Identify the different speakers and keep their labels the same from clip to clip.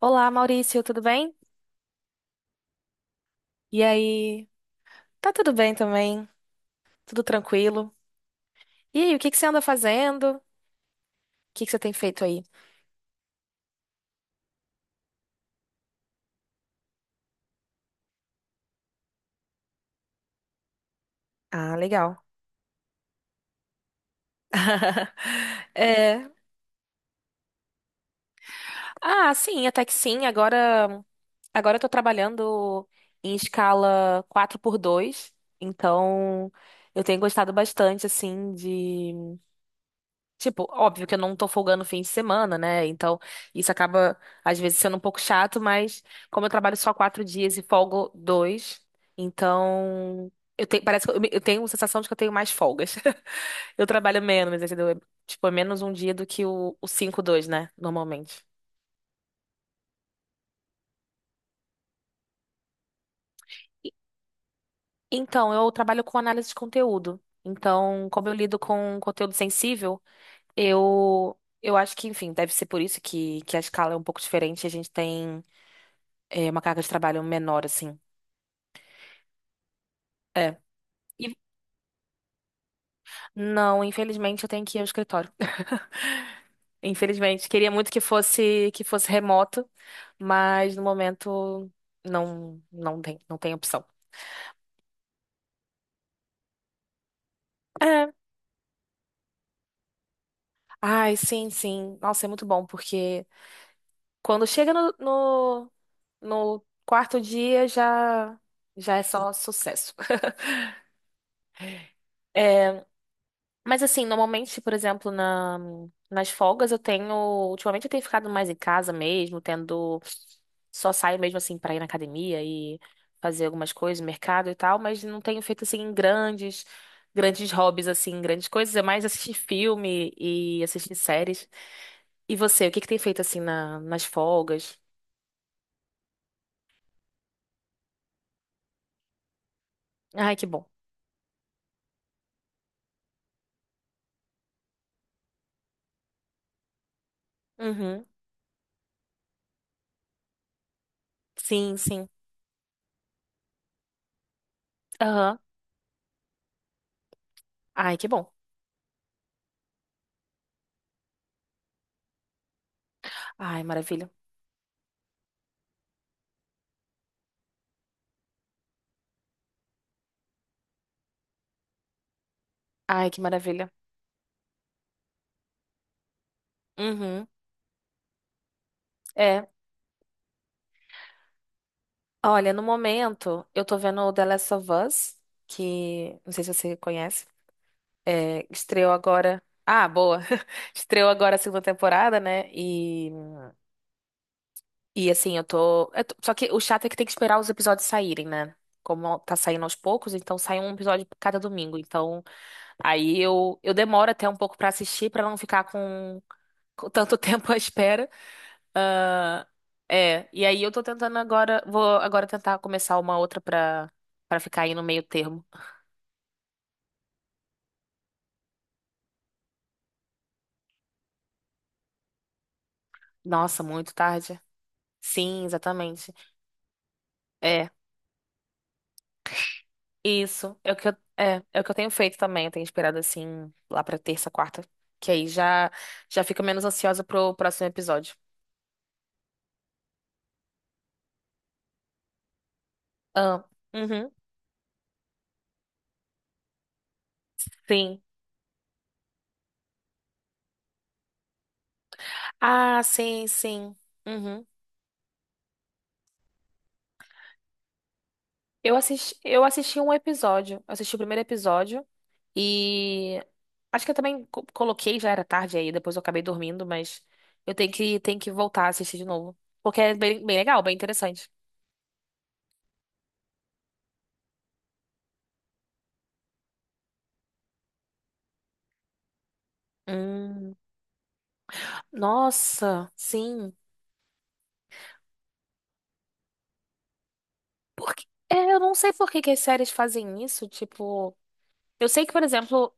Speaker 1: Olá, Maurício, tudo bem? E aí? Tá tudo bem também? Tudo tranquilo? E aí, o que que você anda fazendo? O que que você tem feito aí? Ah, legal. É. Ah, sim, até que sim. Agora, eu tô trabalhando em escala 4 por 2. Então eu tenho gostado bastante, assim. Tipo, óbvio que eu não tô folgando fim de semana, né? Então, isso acaba, às vezes, sendo um pouco chato, mas como eu trabalho só 4 dias e folgo dois, então eu tenho, parece que eu, eu tenho a sensação de que eu tenho mais folgas. Eu trabalho menos, entendeu? É, tipo, é menos um dia do que o 5-2, né? Normalmente. E- Então, eu trabalho com análise de conteúdo. Então, como eu lido com conteúdo sensível, eu acho que, enfim, deve ser por isso que a escala é um pouco diferente. A gente tem. É uma carga de trabalho menor, assim. É. E- Não, infelizmente eu tenho que ir ao escritório. Infelizmente, queria muito que fosse remoto, mas no momento não tem opção. É. Ai, sim, sim. Nossa, é muito bom, porque quando chega no quarto dia já é só sucesso. Mas assim, normalmente, por exemplo, nas folgas eu tenho. Ultimamente eu tenho ficado mais em casa mesmo, tendo. Só saio mesmo assim pra ir na academia e fazer algumas coisas, mercado e tal, mas não tenho feito assim grandes, grandes hobbies, assim, grandes coisas. É mais assistir filme e assistir séries. E você, o que que tem feito assim nas folgas? Ai, que bom. Uhum. Sim, sim. Aham. Ai, que bom. Ai, maravilha. Ai, que maravilha. Uhum. É. Olha, no momento, eu tô vendo o The Last of Us, que não sei se você conhece. É, estreou agora. Ah, boa. Estreou agora a segunda temporada, né? E assim, só que o chato é que tem que esperar os episódios saírem, né? Como tá saindo aos poucos, então sai um episódio cada domingo. Então, aí eu demoro até um pouco pra assistir, pra não ficar com tanto tempo à espera. Ah, é, e aí eu tô tentando agora, vou agora tentar começar uma outra pra ficar aí no meio termo. Nossa, muito tarde. Sim, exatamente. É, isso. É o que eu, é o que eu tenho feito também. Eu tenho esperado assim lá pra terça, quarta, que aí já fico menos ansiosa pro próximo episódio. Ah, uhum, sim. Ah, sim, sim. Uhum. Eu assisti um episódio. Eu assisti o primeiro episódio e acho que eu também coloquei, já era tarde aí, depois eu acabei dormindo, mas eu tenho que voltar a assistir de novo. Porque é bem, bem legal, bem interessante. Hum, nossa, sim. Porque, é, eu não sei por que que as séries fazem isso. Tipo, eu sei que, por exemplo,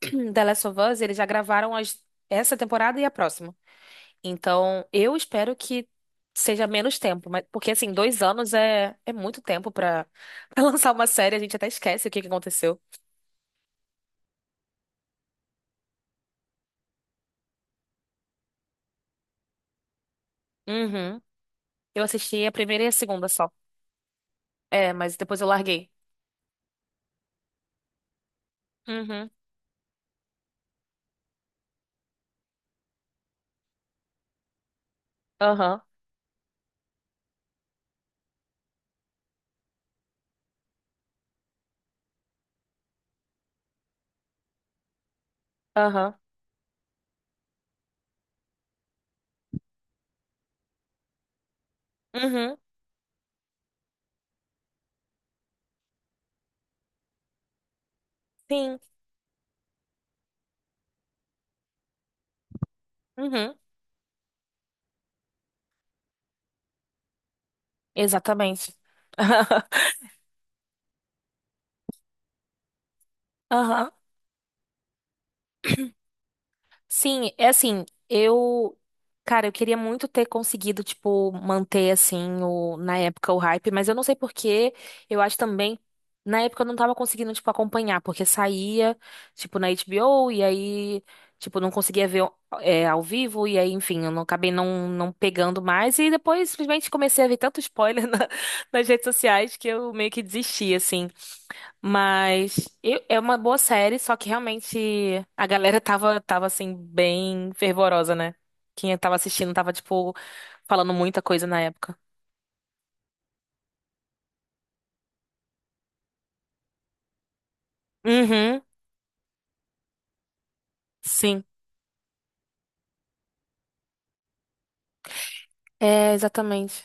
Speaker 1: The Last of Us, eles já gravaram essa temporada e a próxima. Então, eu espero que seja menos tempo, mas porque assim, 2 anos é muito tempo pra pra lançar uma série, a gente até esquece o que que aconteceu. Uhum. Eu assisti a primeira e a segunda só. É, mas depois eu larguei. Uhum. Aham. Aham. Uhum. Sim. Uhum. Exatamente. Aham. Sim, é assim, eu, cara, eu queria muito ter conseguido, tipo, manter assim o na época o hype, mas eu não sei por quê. Eu acho também na época eu não tava conseguindo, tipo, acompanhar, porque saía, tipo, na HBO e aí, tipo, não conseguia ver ao vivo e aí, enfim, eu não acabei não pegando mais e depois simplesmente comecei a ver tanto spoiler na- nas redes sociais que eu meio que desisti, assim. Mas é uma boa série, só que realmente a galera tava assim, bem fervorosa, né? Quem tava assistindo tava, tipo, falando muita coisa na época. Uhum, sim. É, exatamente.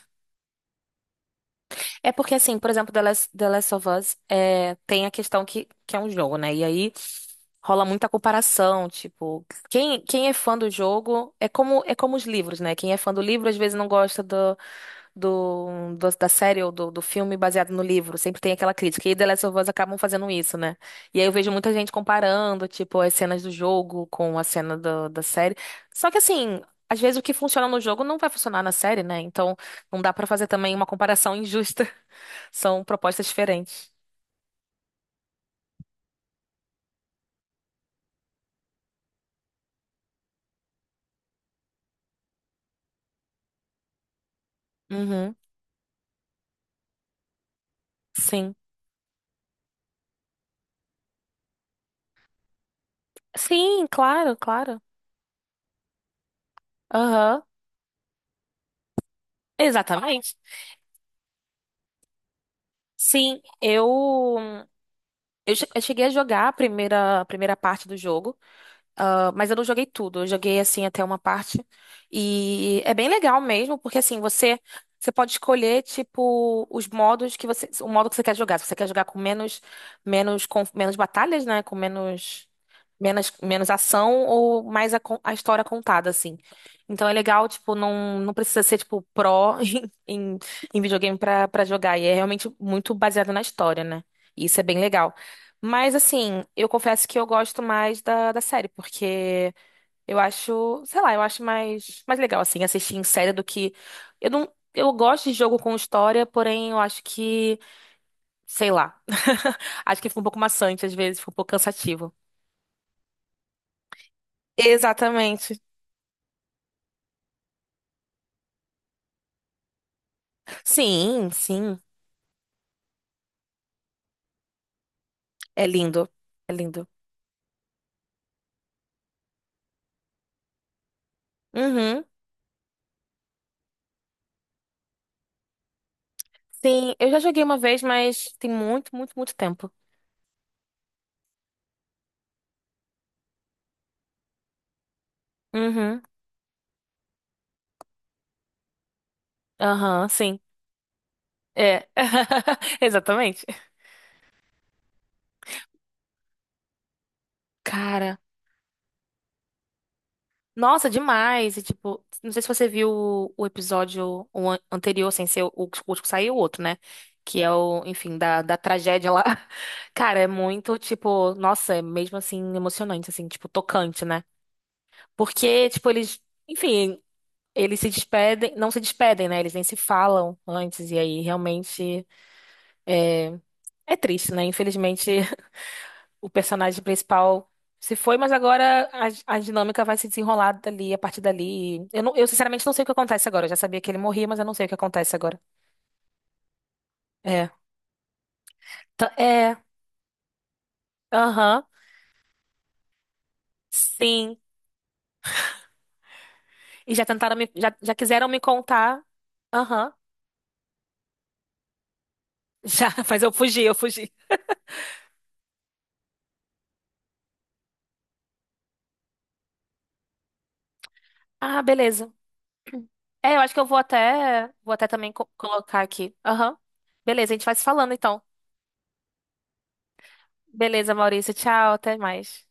Speaker 1: É porque, assim, por exemplo, The Last of Us é, tem a questão que é um jogo, né? E aí rola muita comparação, tipo, quem é fã do jogo é como os livros, né? Quem é fã do livro às vezes não gosta da série ou do filme baseado no livro. Sempre tem aquela crítica. E The Last of Us acabam fazendo isso, né? E aí eu vejo muita gente comparando, tipo, as cenas do jogo com a cena da série. Só que assim, às vezes o que funciona no jogo não vai funcionar na série, né? Então não dá pra fazer também uma comparação injusta. São propostas diferentes. Uhum, sim. Sim, claro, claro. Aham. Exatamente. Sim, eu, eu cheguei a jogar a primeira parte do jogo. Ah, mas eu não joguei tudo, eu joguei assim até uma parte. E é bem legal mesmo, porque assim, você pode escolher tipo os modos que você, o modo que você quer jogar. Se você quer jogar com menos batalhas, né, com menos ação ou mais a história contada assim. Então é legal, tipo, não precisa ser tipo pró em, em, em videogame pra para jogar, e é realmente muito baseado na história, né? E isso é bem legal. Mas assim, eu confesso que eu gosto mais da série, porque eu acho, sei lá, eu acho mais, mais legal assim assistir em série do que eu não, eu gosto de jogo com história, porém eu acho que, sei lá, acho que fica um pouco maçante às vezes, fica um pouco cansativo. Exatamente. Sim, sim, é lindo, é lindo. Uhum. Sim, eu já joguei uma vez, mas tem muito, muito, muito tempo. Uhum. Aham, sim. É. Exatamente. Cara. Nossa, demais. E, tipo, não sei se você viu o episódio o anterior, sem ser o último que saiu, o outro, né? Que é o, enfim, da tragédia lá. Cara, é muito, tipo, nossa, é mesmo assim emocionante, assim, tipo, tocante, né? Porque, tipo, eles, enfim, eles se despedem, não se despedem, né? Eles nem se falam antes, e aí realmente é triste, né? Infelizmente, o personagem principal se foi, mas agora a dinâmica vai se desenrolar dali, a partir dali. Eu, não, eu sinceramente não sei o que acontece agora. Eu já sabia que ele morria, mas eu não sei o que acontece agora. É. É. Aham. Sim. E já tentaram me. Já quiseram me contar. Aham. Já, mas eu fugi, eu fugi. Ah, beleza. É, eu acho que eu vou até. Vou até também colocar aqui. Aham. Beleza, a gente vai se falando então. Beleza, Maurício. Tchau, até mais.